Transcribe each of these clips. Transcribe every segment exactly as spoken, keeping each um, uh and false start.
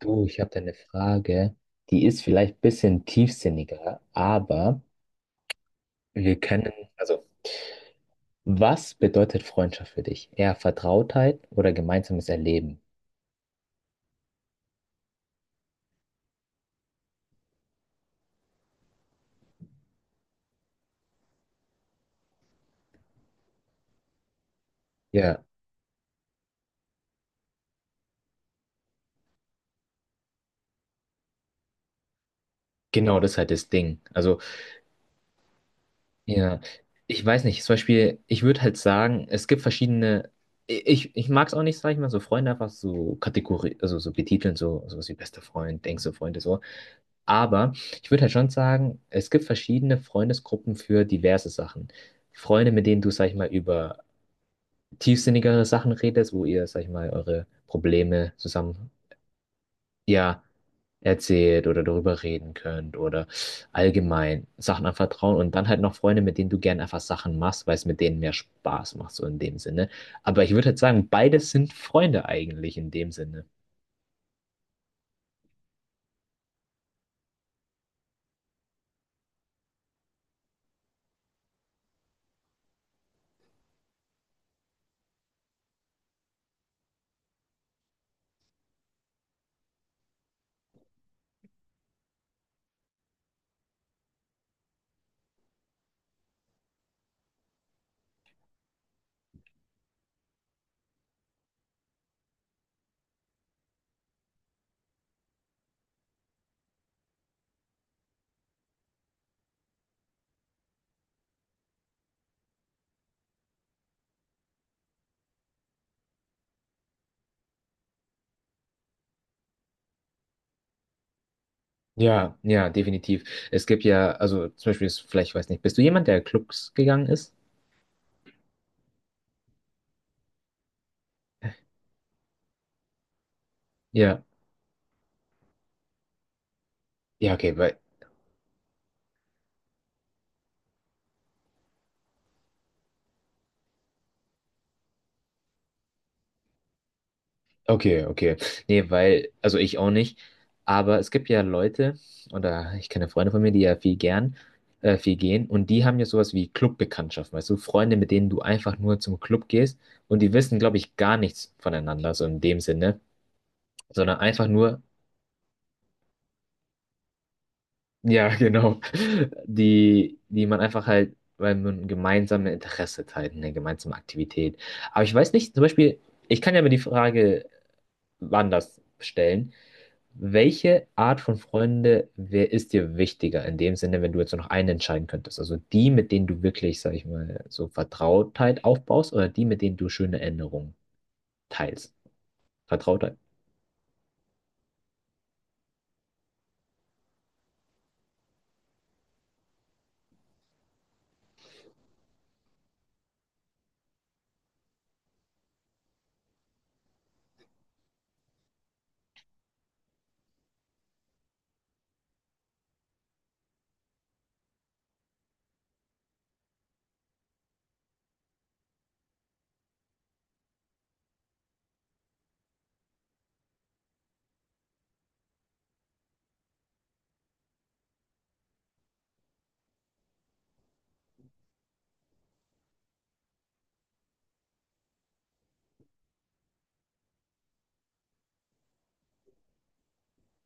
Du, ich habe da eine Frage, die ist vielleicht ein bisschen tiefsinniger, aber wir können, also, was bedeutet Freundschaft für dich? Eher Vertrautheit oder gemeinsames Erleben? Ja, genau, das ist halt das Ding. Also, ja, ich weiß nicht, zum Beispiel, ich würde halt sagen, es gibt verschiedene, ich, ich mag es auch nicht, sag ich mal, so Freunde einfach so Kategorie, also so betiteln, so, so wie bester Freund, denkst du, Freunde, so. Aber ich würde halt schon sagen, es gibt verschiedene Freundesgruppen für diverse Sachen. Freunde, mit denen du, sag ich mal, über tiefsinnigere Sachen redest, wo ihr, sag ich mal, eure Probleme zusammen, ja, erzählt oder darüber reden könnt oder allgemein Sachen anvertrauen. Und dann halt noch Freunde, mit denen du gern einfach Sachen machst, weil es mit denen mehr Spaß macht, so in dem Sinne. Aber ich würde halt sagen, beides sind Freunde eigentlich in dem Sinne. Ja, ja, definitiv. Es gibt ja, also zum Beispiel, ist, vielleicht weiß nicht, bist du jemand, der Clubs gegangen ist? Ja, ja, okay, weil, okay, okay. Nee, weil, also ich auch nicht. Aber es gibt ja Leute, oder ich kenne Freunde von mir, die ja viel gern, äh, viel gehen, und die haben ja sowas wie Clubbekanntschaften, weißt du, Freunde, mit denen du einfach nur zum Club gehst und die wissen, glaube ich, gar nichts voneinander, so in dem Sinne, sondern einfach nur, ja, genau. Die, die man einfach halt, weil man gemeinsame Interesse teilt, eine gemeinsame Aktivität. Aber ich weiß nicht, zum Beispiel, ich kann ja mir die Frage anders stellen. Welche Art von Freunde, wer ist dir wichtiger in dem Sinne, wenn du jetzt nur noch einen entscheiden könntest? Also die, mit denen du wirklich, sag ich mal, so Vertrautheit aufbaust oder die, mit denen du schöne Erinnerungen teilst? Vertrautheit?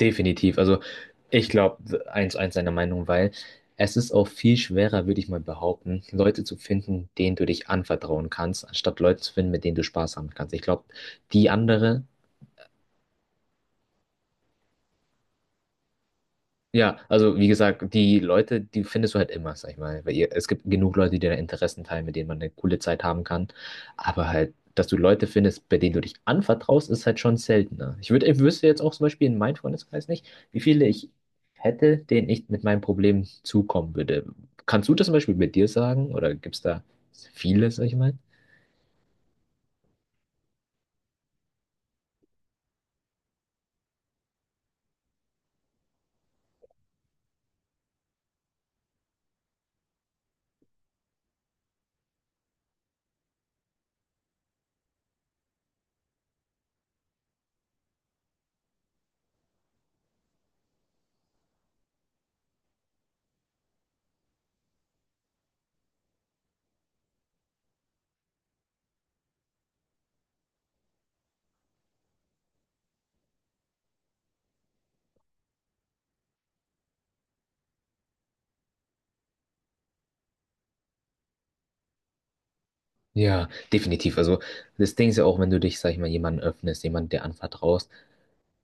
Definitiv. Also ich glaube 1 eins seiner Meinung, weil es ist auch viel schwerer, würde ich mal behaupten, Leute zu finden, denen du dich anvertrauen kannst, anstatt Leute zu finden, mit denen du Spaß haben kannst. Ich glaube, die andere. Ja, also wie gesagt, die Leute, die findest du halt immer, sag ich mal. Weil ihr, es gibt genug Leute, die dir Interessen teilen, mit denen man eine coole Zeit haben kann. Aber halt, dass du Leute findest, bei denen du dich anvertraust, ist halt schon seltener. Ich würde, ich wüsste jetzt auch zum Beispiel in meinem Freundeskreis nicht, wie viele ich hätte, denen ich mit meinem Problem zukommen würde. Kannst du das zum Beispiel mit dir sagen? Oder gibt es da viele, sag ich mal? Ja, definitiv. Also das Ding ist ja auch, wenn du dich, sag ich mal, jemandem öffnest, jemand der anvertraust,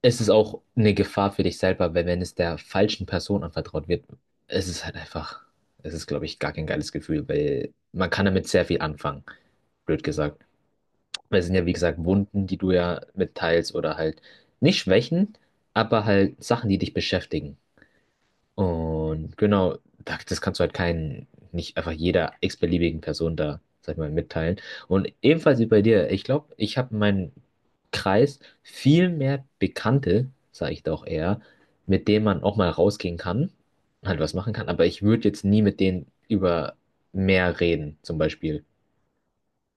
es ist auch eine Gefahr für dich selber, weil wenn es der falschen Person anvertraut wird, es ist halt einfach, es ist, glaube ich, gar kein geiles Gefühl, weil man kann damit sehr viel anfangen, blöd gesagt. Weil es sind ja, wie gesagt, Wunden, die du ja mitteilst oder halt nicht Schwächen, aber halt Sachen, die dich beschäftigen. Und genau, da- das kannst du halt keinen, nicht einfach jeder x-beliebigen Person da, sag ich mal, mitteilen. Und ebenfalls wie bei dir, ich glaube, ich habe in meinem Kreis viel mehr Bekannte, sage ich doch eher, mit denen man auch mal rausgehen kann, halt was machen kann, aber ich würde jetzt nie mit denen über mehr reden, zum Beispiel.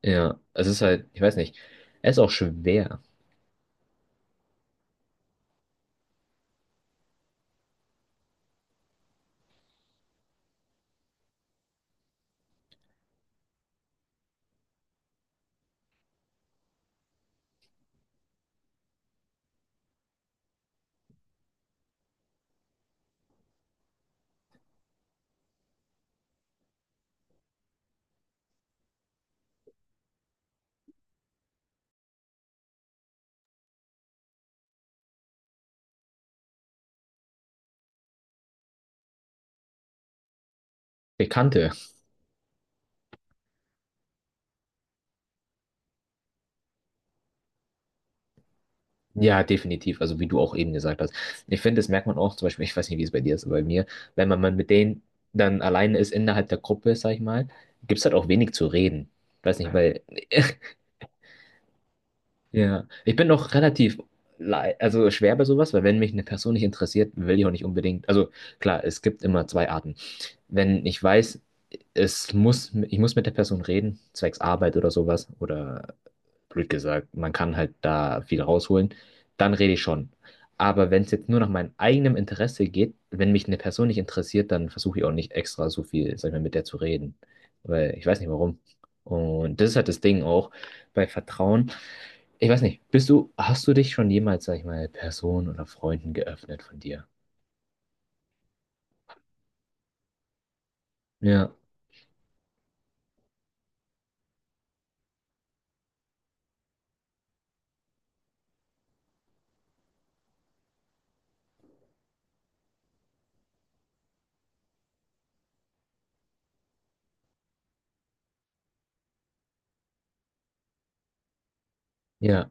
Ja, es ist halt, ich weiß nicht, es ist auch schwer. Bekannte. Ja, definitiv. Also wie du auch eben gesagt hast. Ich finde, das merkt man auch, zum Beispiel, ich weiß nicht, wie es bei dir ist, aber bei mir, wenn man, man mit denen dann alleine ist innerhalb der Gruppe, sag ich mal, gibt es halt auch wenig zu reden. Weiß nicht. Ja. Weil, ja, ich bin auch relativ, lei- also schwer bei sowas, weil wenn mich eine Person nicht interessiert, will ich auch nicht unbedingt, also klar, es gibt immer zwei Arten. Wenn ich weiß, es muss, ich muss mit der Person reden, zwecks Arbeit oder sowas, oder blöd gesagt, man kann halt da viel rausholen, dann rede ich schon. Aber wenn es jetzt nur nach meinem eigenen Interesse geht, wenn mich eine Person nicht interessiert, dann versuche ich auch nicht extra so viel, sag ich mal, mit der zu reden. Weil ich weiß nicht warum. Und das ist halt das Ding auch bei Vertrauen. Ich weiß nicht, bist du, hast du dich schon jemals, sag ich mal, Personen oder Freunden geöffnet von dir? Ja, ja.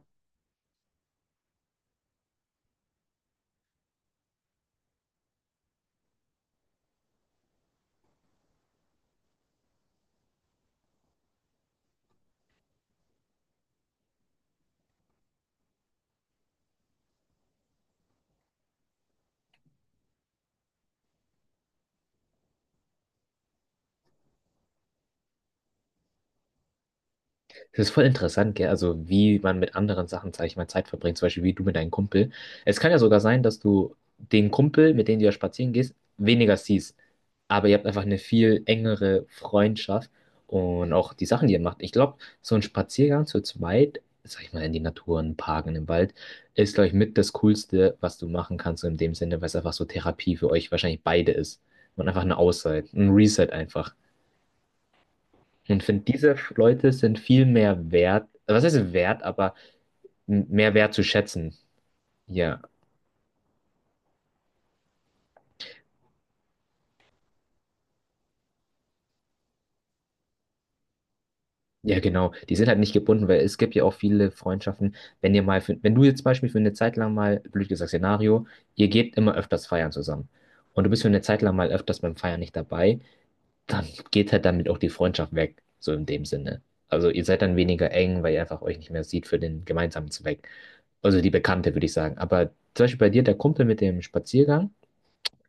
Das ist voll interessant, gell? Also wie man mit anderen Sachen, sag ich mal, Zeit verbringt, zum Beispiel wie du mit deinem Kumpel. Es kann ja sogar sein, dass du den Kumpel, mit dem du ja spazieren gehst, weniger siehst. Aber ihr habt einfach eine viel engere Freundschaft und auch die Sachen, die ihr macht. Ich glaube, so ein Spaziergang zu zweit, sag ich mal, in die Natur, in den Park, in den Wald, ist, glaube ich, mit das Coolste, was du machen kannst, so in dem Sinne, weil es einfach so Therapie für euch wahrscheinlich beide ist. Und einfach eine Auszeit, ein Reset einfach. Und ich finde, diese Leute sind viel mehr wert, was heißt wert, aber m- mehr wert zu schätzen. Ja, ja, genau. Die sind halt nicht gebunden, weil es gibt ja auch viele Freundschaften. Wenn ihr mal, für, wenn du jetzt zum Beispiel für eine Zeit lang mal, blöd gesagt, Szenario, ihr geht immer öfters feiern zusammen und du bist für eine Zeit lang mal öfters beim Feiern nicht dabei, dann geht halt damit auch die Freundschaft weg, so in dem Sinne. Also ihr seid dann weniger eng, weil ihr einfach euch nicht mehr sieht für den gemeinsamen Zweck. Also die Bekannte, würde ich sagen. Aber zum Beispiel bei dir, der Kumpel mit dem Spaziergang,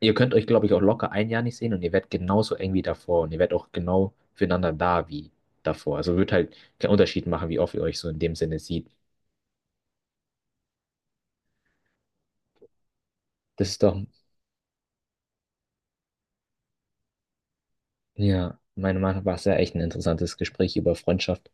ihr könnt euch, glaube ich, auch locker ein Jahr nicht sehen und ihr werdet genauso eng wie davor und ihr werdet auch genau füreinander da wie davor. Also wird halt keinen Unterschied machen, wie oft ihr euch so in dem Sinne sieht. Das ist doch, ja, meiner Meinung nach war es ja echt ein interessantes Gespräch über Freundschaft.